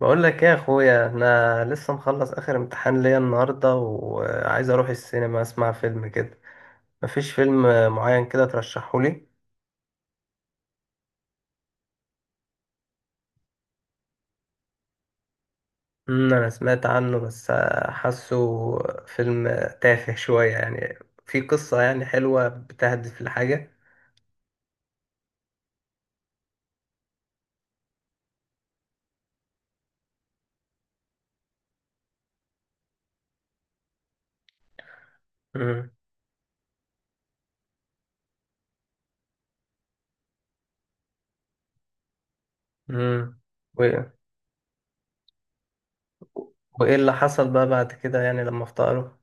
بقول لك ايه يا اخويا، انا لسه مخلص اخر امتحان ليا النهارده وعايز اروح السينما اسمع فيلم كده. مفيش فيلم معين كده ترشحه لي؟ انا سمعت عنه، بس حاسه فيلم تافه شويه يعني. في قصه يعني حلوه بتهدف لحاجه؟ امم امم وايه وإيه اللي حصل بقى بعد كده يعني لما افتقره؟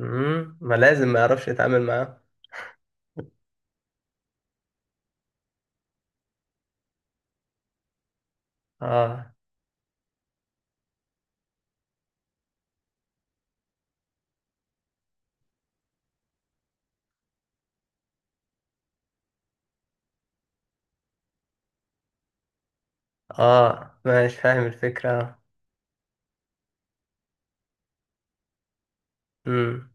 امم، ما لازم ما يعرفش يتعامل معاه. اه، اه ماشي فاهم الفكره. امم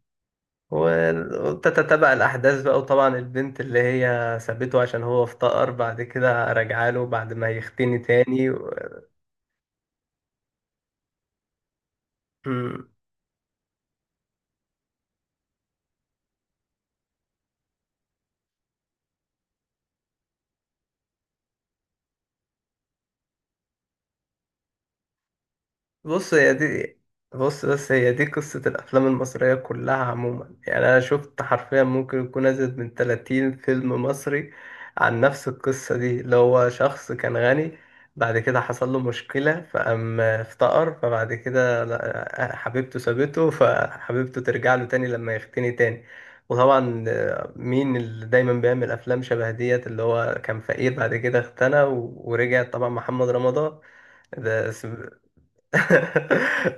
وتتتبع الأحداث بقى، وطبعا البنت اللي هي سابته عشان هو افتقر بعد كده رجع له بعد ما يختني تاني مم. بص هي دي بص، بس هي دي قصة الأفلام المصرية كلها عموما. يعني أنا شفت حرفيا ممكن يكون أزيد من 30 فيلم مصري عن نفس القصة دي، اللي هو شخص كان غني بعد كده حصل له مشكلة فقام افتقر، فبعد كده حبيبته سابته، فحبيبته ترجع له تاني لما يغتني تاني. وطبعا آه، مين اللي دايما بيعمل أفلام شبه ديت اللي هو كان فقير بعد كده اغتنى ورجع؟ طبعا محمد رمضان ده.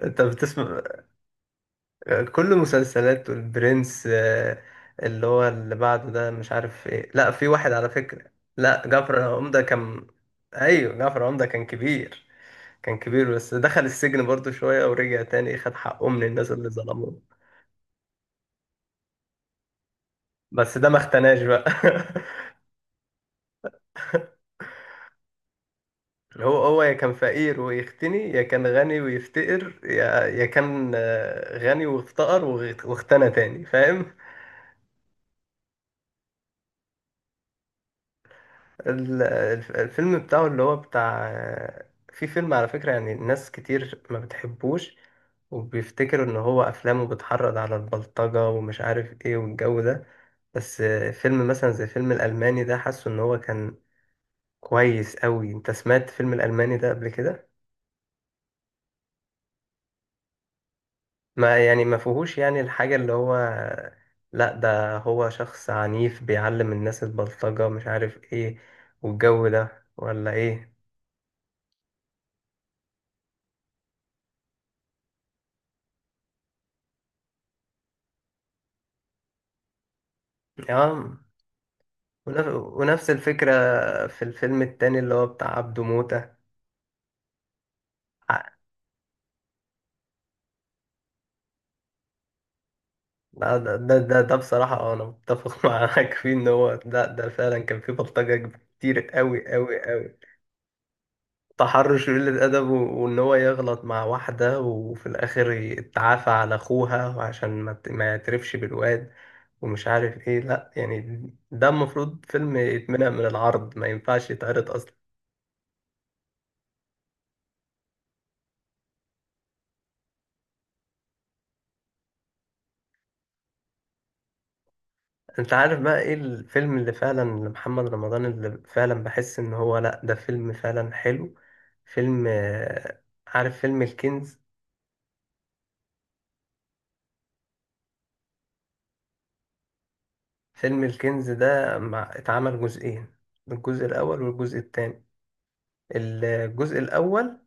انت بتسمع؟ كل مسلسلات والبرنس آه، اللي هو اللي بعده ده مش عارف ايه. لا، في واحد على فكرة. لا جعفر العمدة كان، ايوه جعفر العمدة كان كبير. كان كبير بس دخل السجن برضو شوية ورجع تاني خد حقه من الناس اللي ظلموه. بس ده ما اختناش بقى. هو هو يا كان فقير ويختني، يا كان غني ويفتقر، يا يا كان آه، غني وافتقر واختنى تاني، فاهم؟ الفيلم بتاعه اللي هو بتاع، في فيلم على فكرة يعني ناس كتير ما بتحبوش وبيفتكروا ان هو افلامه بتحرض على البلطجة ومش عارف ايه والجو ده. بس فيلم مثلا زي فيلم الالماني ده حاسه ان هو كان كويس قوي. انت سمعت فيلم الالماني ده قبل كده؟ ما يعني ما فيهوش يعني الحاجة اللي هو، لا ده هو شخص عنيف بيعلم الناس البلطجة مش عارف ايه والجو ده، ولا ايه؟ اه. ونف- ونفس الفكرة في الفيلم التاني اللي هو بتاع عبده موتة. ع- ده بصراحة آه، أنا متفق معاك فيه، إن هو ده فعلا كان فيه بلطجة كتير أوي أوي أوي. تحرش وقلة أدب، وإن هو يغلط مع واحدة وفي الآخر يتعافى على أخوها، وعشان ما يعترفش بالواد ومش عارف إيه. لأ يعني ده المفروض فيلم يتمنع من العرض، ما ينفعش يتعرض أصلا. انت عارف بقى ايه الفيلم اللي فعلا لمحمد رمضان اللي فعلا بحس ان هو لا ده فيلم فعلا حلو؟ فيلم آه، عارف فيلم الكنز؟ فيلم الكنز ده مع اتعمل جزئين، الجزء الاول والجزء الثاني. الجزء الاول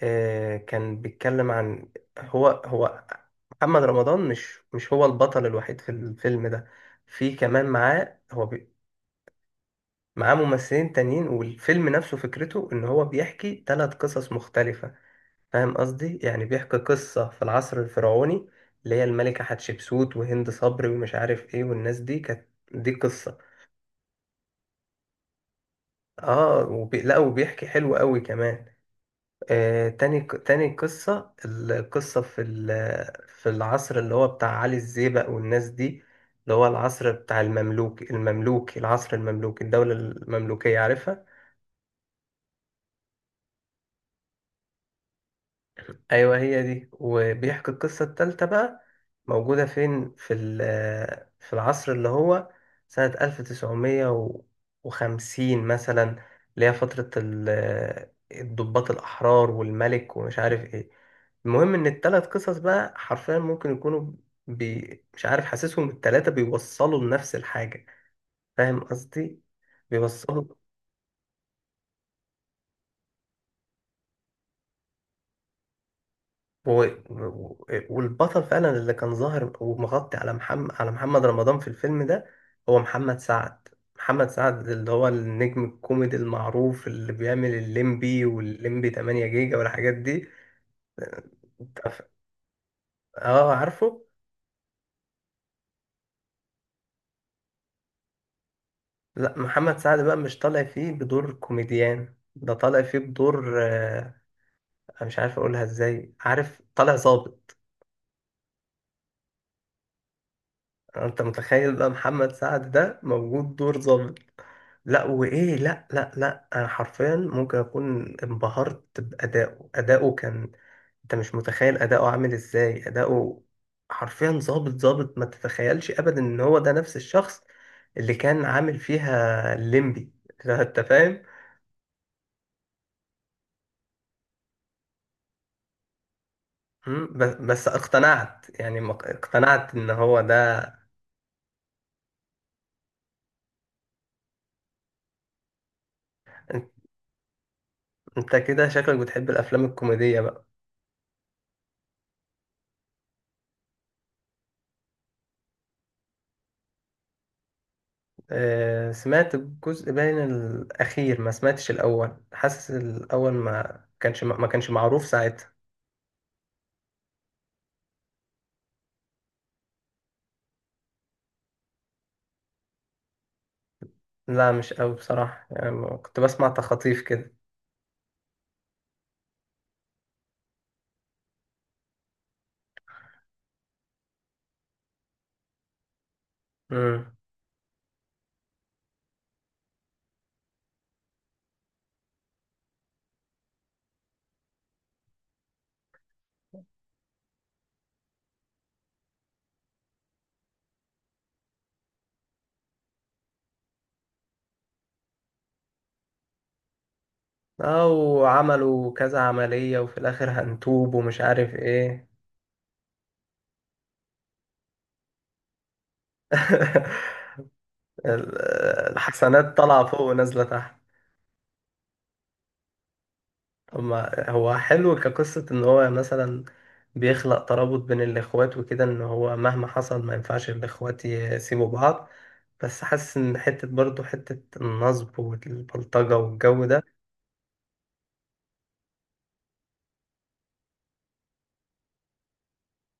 آه، كان بيتكلم عن، هو هو محمد رمضان مش هو البطل الوحيد في الفيلم ده. في كمان معاه، هو معاه ممثلين تانيين، والفيلم نفسه فكرته ان هو بيحكي ثلاث قصص مختلفة، فاهم قصدي؟ يعني بيحكي قصة في العصر الفرعوني، اللي هي الملكة حتشبسوت وهند صبري ومش عارف ايه والناس دي، كانت دي قصة. لا وبيحكي حلو قوي كمان. آه، تاني قصة، القصة في في العصر اللي هو بتاع علي الزيبق والناس دي، اللي هو العصر بتاع المملوكي، العصر المملوكي، الدولة المملوكية، عارفها؟ ايوه هي دي. وبيحكي القصه التالتة بقى، موجوده فين؟ في في العصر اللي هو سنه 1950 مثلا، اللي هي فتره الضباط الاحرار والملك ومش عارف ايه. المهم ان التلات قصص بقى حرفيا ممكن يكونوا، مش عارف حاسسهم التلاتة بيوصلوا لنفس الحاجه، فاهم قصدي؟ بيوصلوا. و... و- والبطل فعلا اللي كان ظاهر ومغطي على محمد، على محمد رمضان في الفيلم ده هو محمد سعد. محمد سعد اللي هو النجم الكوميدي المعروف اللي بيعمل الليمبي والليمبي 8 جيجا والحاجات دي. أنت ف- اه عارفه. لا، محمد سعد بقى مش طالع فيه بدور كوميديان، ده طالع فيه بدور آه، أنا مش عارف اقولها ازاي، عارف؟ طالع ظابط. انت متخيل بقى محمد سعد ده موجود دور ظابط؟ لا وايه، لا لا لا، انا حرفيا ممكن اكون انبهرت بادائه. اداؤه كان، انت مش متخيل اداؤه عامل ازاي. اداؤه حرفيا ظابط ظابط، ما تتخيلش ابدا ان هو ده نفس الشخص اللي كان عامل فيها الليمبي. انت فاهم؟ مم، بس اقتنعت يعني، اقتنعت ان هو ده. انت أنت كده شكلك بتحب الافلام الكوميدية بقى. آه، سمعت الجزء باين الأخير، ما سمعتش الأول، حاسس الأول ما كانش معروف ساعتها. لا مش قوي بصراحة يعني، كنت بسمع تخاطيف كده. امم. أو عملوا كذا عملية وفي الآخر هنتوب ومش عارف إيه. الحسنات طالعة فوق ونازلة تحت. أما هو حلو كقصة إن هو مثلا بيخلق ترابط بين الإخوات وكده، إن هو مهما حصل ما ينفعش الإخوات يسيبوا بعض. بس حاسس إن حتة برضه، حتة النصب والبلطجة والجو ده،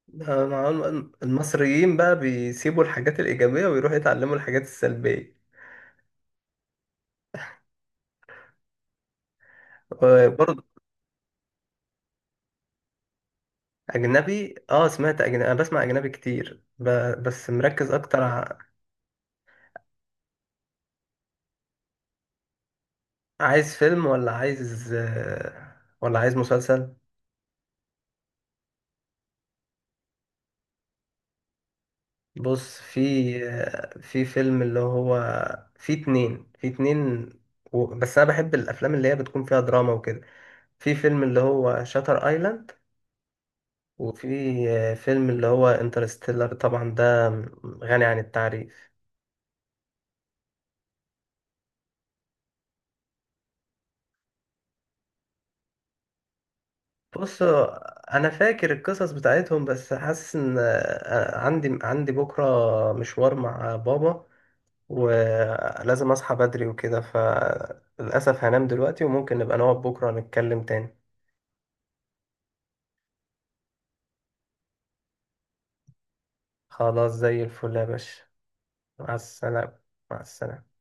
ده مع المصريين بقى بيسيبوا الحاجات الإيجابية ويروحوا يتعلموا الحاجات السلبية. برضه. أجنبي، آه سمعت أجنبي، أنا بسمع أجنبي كتير بس مركز أكتر عايز فيلم ولا عايز آه، ولا عايز مسلسل؟ بص، في، في فيلم اللي هو في اتنين، في اتنين بس انا بحب الافلام اللي هي بتكون فيها دراما وكده. في فيلم اللي هو شاتر ايلاند، وفي فيلم اللي هو انترستيلر، طبعا ده غني عن التعريف. بص، انا فاكر القصص بتاعتهم، بس حاسس ان آه، عندي بكره مشوار مع بابا ولازم اصحى بدري وكده، فللاسف هنام دلوقتي وممكن نبقى نقعد بكره نتكلم تاني. خلاص، زي الفل يا باشا. مع السلامة. مع السلامة.